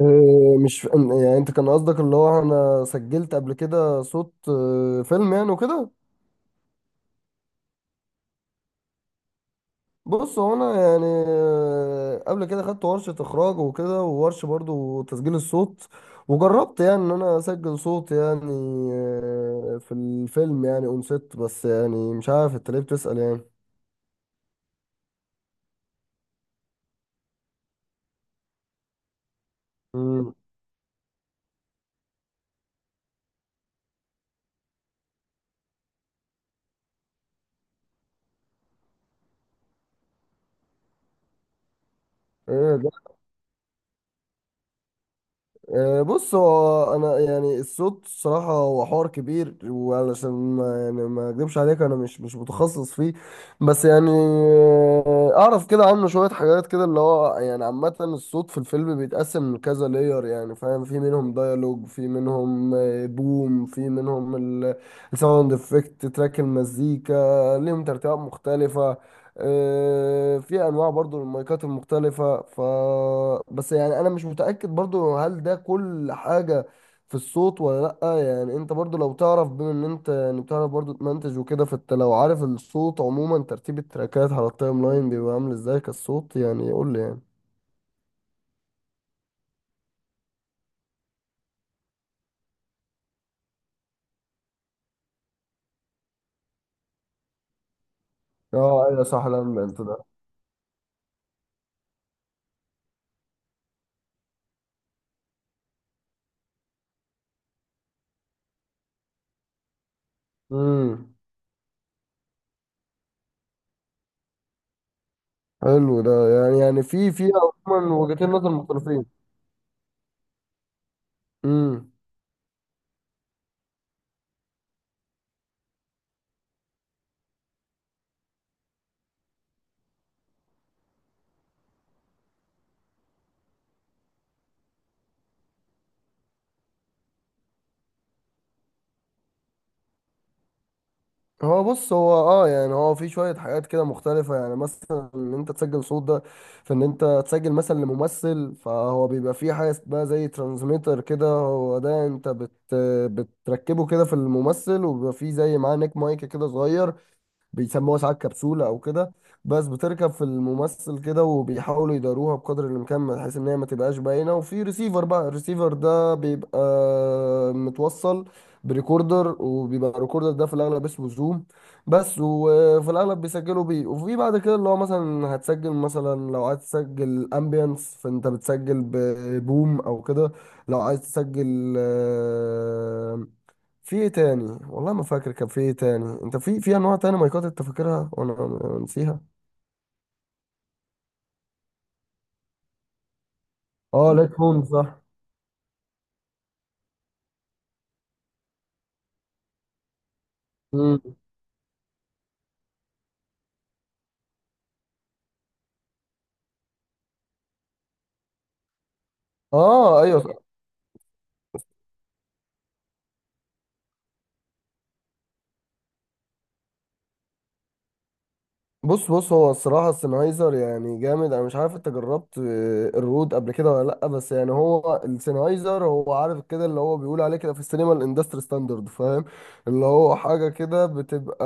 إيه، مش يعني انت كان قصدك اللي هو انا سجلت قبل كده صوت فيلم يعني وكده. بص هو انا يعني قبل كده خدت ورشة اخراج وكده وورشة برضو تسجيل الصوت. وجربت يعني ان انا اسجل صوت يعني في الفيلم يعني اون ست، بس يعني مش عارف انت ليه بتسأل يعني. مم. ايه. بص هو انا يعني الصوت الصراحه هو حوار كبير، وعلشان ما يعني ما اكذبش عليك انا مش متخصص فيه. بس يعني اعرف كده عنه شويه حاجات كده، اللي هو يعني عامه الصوت في الفيلم بيتقسم لكذا لاير، يعني فاهم، في منهم ديالوج، في منهم بوم، في منهم الساوند افكت تراك المزيكا، ليهم ترتيبات مختلفه. في انواع برضو للمايكات المختلفة. بس يعني انا مش متأكد برضو هل ده كل حاجة في الصوت ولا لأ، يعني انت برضو لو تعرف، بما ان انت يعني بتعرف برضو تمنتج وكده، فانت لو عارف الصوت عموما ترتيب التراكات على التايم لاين بيبقى عامل ازاي كالصوت، يعني قول لي يعني. اه ايوه صح. لا انت ده. امم. حلو، ده يعني في عموما وجهتين نظر مختلفين. امم. هو بص هو يعني هو في شوية حاجات كده مختلفة، يعني مثلا ان انت تسجل صوت ده، في ان انت تسجل مثلا لممثل، فهو بيبقى فيه حاجة اسمها زي ترانسميتر كده، هو ده انت بتركبه كده في الممثل، وبيبقى فيه زي معاه نيك مايك كده صغير، بيسموها ساعات كبسولة أو كده. بس بتركب في الممثل كده، وبيحاولوا يداروها بقدر الإمكان بحيث إن هي ما تبقاش باينة، وفي ريسيفر، بقى الريسيفر ده بيبقى متوصل بريكوردر، وبيبقى الريكوردر ده في الأغلب اسمه زوم بس. وفي الأغلب بيسجلوا بيه، وفي بعد كده اللي هو مثلا هتسجل، مثلا لو عايز تسجل أمبيانس فأنت بتسجل ببوم أو كده، لو عايز تسجل في ايه تاني، والله ما فاكر كان في ايه تاني، انت في انواع تاني مايكات انت فاكرها وانا نسيها. اه، ليت هون صح. مم. اه ايوه. بص هو الصراحة السنهايزر يعني جامد، أنا مش عارف أنت جربت الرود قبل كده ولا لأ، بس يعني هو السنهايزر هو عارف كده، اللي هو بيقول عليه كده في السينما الاندستري ستاندرد، فاهم، اللي هو حاجة كده بتبقى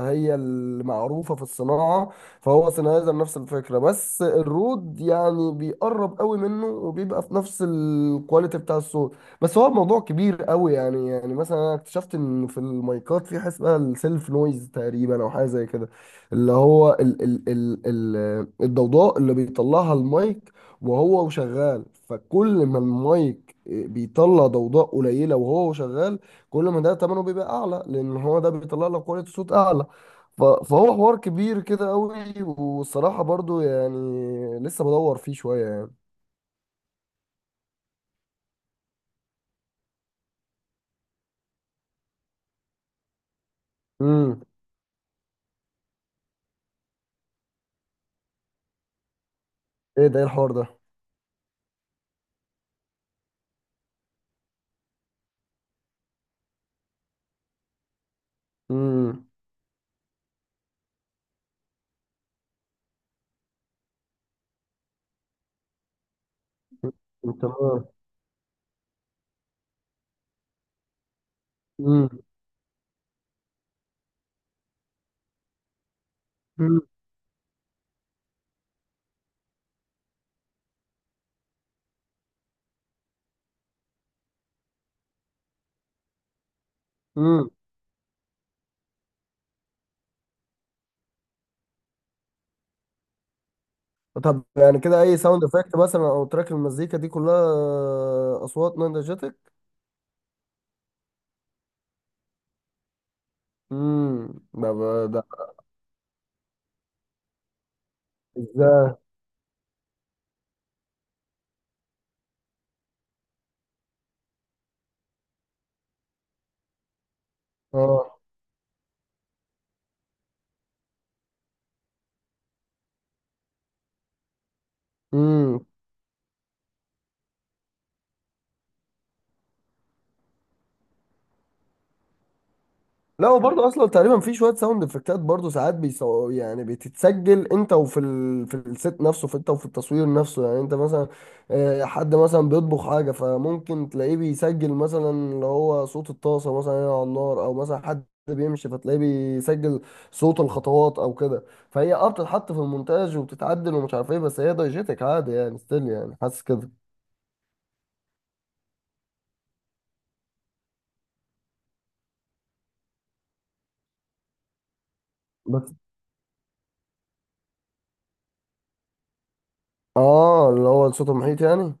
هي المعروفة في الصناعة. فهو سنهايزر نفس الفكرة، بس الرود يعني بيقرب قوي منه وبيبقى في نفس الكواليتي بتاع الصوت. بس هو الموضوع كبير قوي، يعني مثلا أنا اكتشفت إن في المايكات في حاجة اسمها السيلف نويز تقريبا أو حاجة زي كده، اللي هو ال الضوضاء اللي بيطلعها المايك وهو شغال، فكل ما المايك بيطلع ضوضاء قليلة وهو شغال، كل ما ده تمنه بيبقى أعلى، لأن هو ده بيطلع لك كواليتي صوت أعلى. فهو حوار كبير كده أوي، والصراحة برضو يعني لسه بدور فيه شوية يعني. امم. ايه ده؟ ايه الحوار ده؟ امم. تمام. امم. امم، امم. طب يعني كده اي ساوند افكت مثلا او تراك المزيكا دي كلها اصوات نينجاتك. امم. ده ده ده- ازاي؟ اه، لا هو برضه اصلا تقريبا في شويه ساوند افكتات برضه ساعات يعني بتتسجل، انت وفي في الست نفسه، في انت وفي التصوير نفسه، يعني انت مثلا حد مثلا بيطبخ حاجه، فممكن تلاقيه بيسجل مثلا اللي هو صوت الطاسه مثلا هنا على النار، او مثلا حد بيمشي فتلاقيه بيسجل صوت الخطوات او كده. فهي بتتحط في المونتاج وبتتعدل ومش عارف ايه، بس هي دايجيتك عادي يعني، ستيل يعني، حاسس كده. بس. اه، اللي هو الصوت المحيط يعني.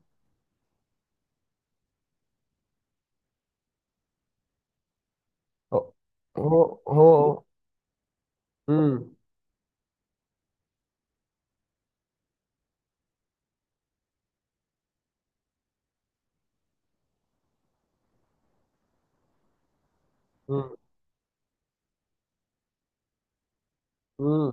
هو هو. مم. مم.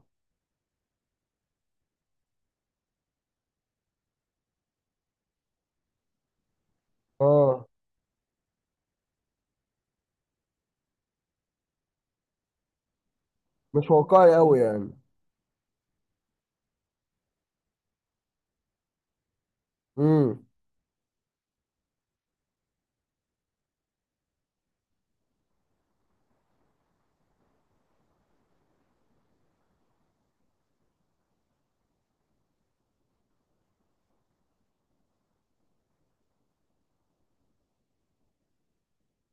اه، مش واقعي قوي يعني. امم.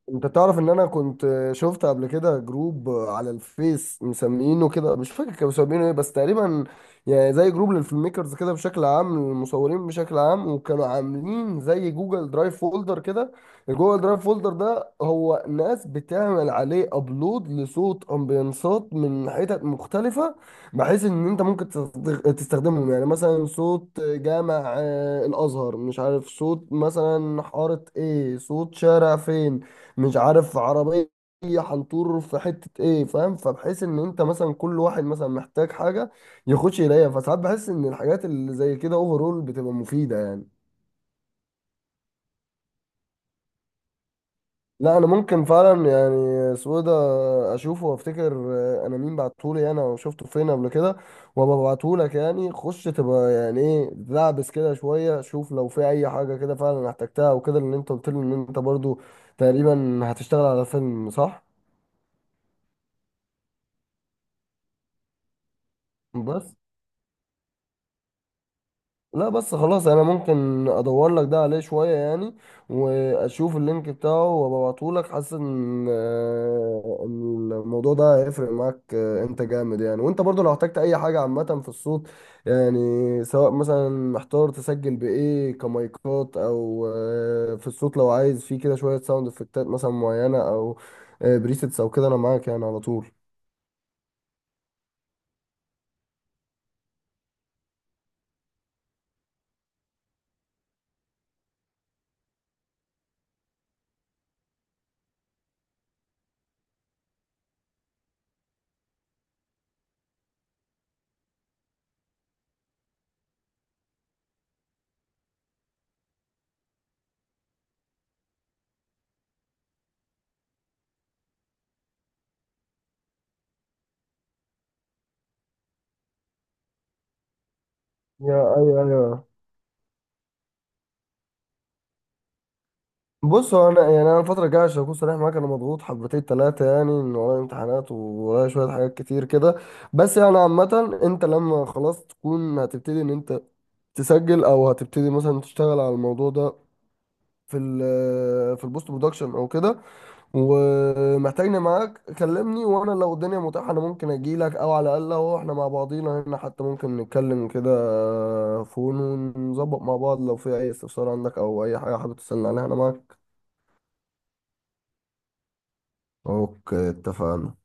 انت تعرف ان انا كنت شفت قبل كده جروب على الفيس مسمينه كده، مش فاكر كانوا مسمينه ايه بس تقريبا، يعني زي جروب للفيلم ميكرز كده بشكل عام للمصورين بشكل عام، وكانوا عاملين زي جوجل درايف فولدر كده. الجوجل درايف فولدر ده هو ناس بتعمل عليه ابلود لصوت امبيانسات من حتت مختلفة، بحيث ان انت ممكن تستخدمهم، يعني مثلا صوت جامع الازهر، مش عارف، صوت مثلا حارة ايه، صوت شارع فين، مش عارف، عربية هنطور في حتة ايه، فاهم، فبحيث ان انت مثلا كل واحد مثلا محتاج حاجة يخش يلاقيها، فساعات بحس ان الحاجات اللي زي كده اوفرول بتبقى مفيدة يعني. لا، انا ممكن فعلا يعني سويدة اشوفه، وافتكر انا مين بعتهولي انا، وشفته فين قبل كده، وابقى ابعتهولك، يعني خش تبقى يعني ايه لعبس كده شوية، شوف لو في اي حاجة كده فعلا احتجتها وكده، لان انت قلت لي ان انت برضو تقريبا هتشتغل على فيلم صح؟ بس لا، بس خلاص انا ممكن ادور لك ده عليه شويه يعني، واشوف اللينك بتاعه وابعته لك. حاسس ان آه، إن الموضوع ده هيفرق معاك، انت جامد يعني، وانت برضو لو احتجت اي حاجه عامه في الصوت يعني، سواء مثلا محتار تسجل بايه كمايكات، او في الصوت لو عايز فيه كده شويه ساوند افكتات مثلا معينه او بريسيتس او كده، انا معاك يعني على طول. يا ايوه ايوه. بص هو انا يعني انا الفتره الجايه عشان اكون صريح معاك انا مضغوط حبتين ثلاثه، يعني ان ورايا امتحانات وورايا شويه حاجات كتير كده، بس يعني عامه انت لما خلاص تكون هتبتدي ان انت تسجل، او هتبتدي مثلا تشتغل على الموضوع ده في ال آه، في البوست برودكشن او كده، ومحتاجني معاك كلمني، وانا لو الدنيا متاحه انا ممكن اجي لك، او على الاقل هو احنا مع بعضينا هنا حتى ممكن نتكلم كده فون ونظبط مع بعض، لو في اي استفسار عندك او اي حاجه حابب تسالني عليها انا معاك. اوكي اتفقنا.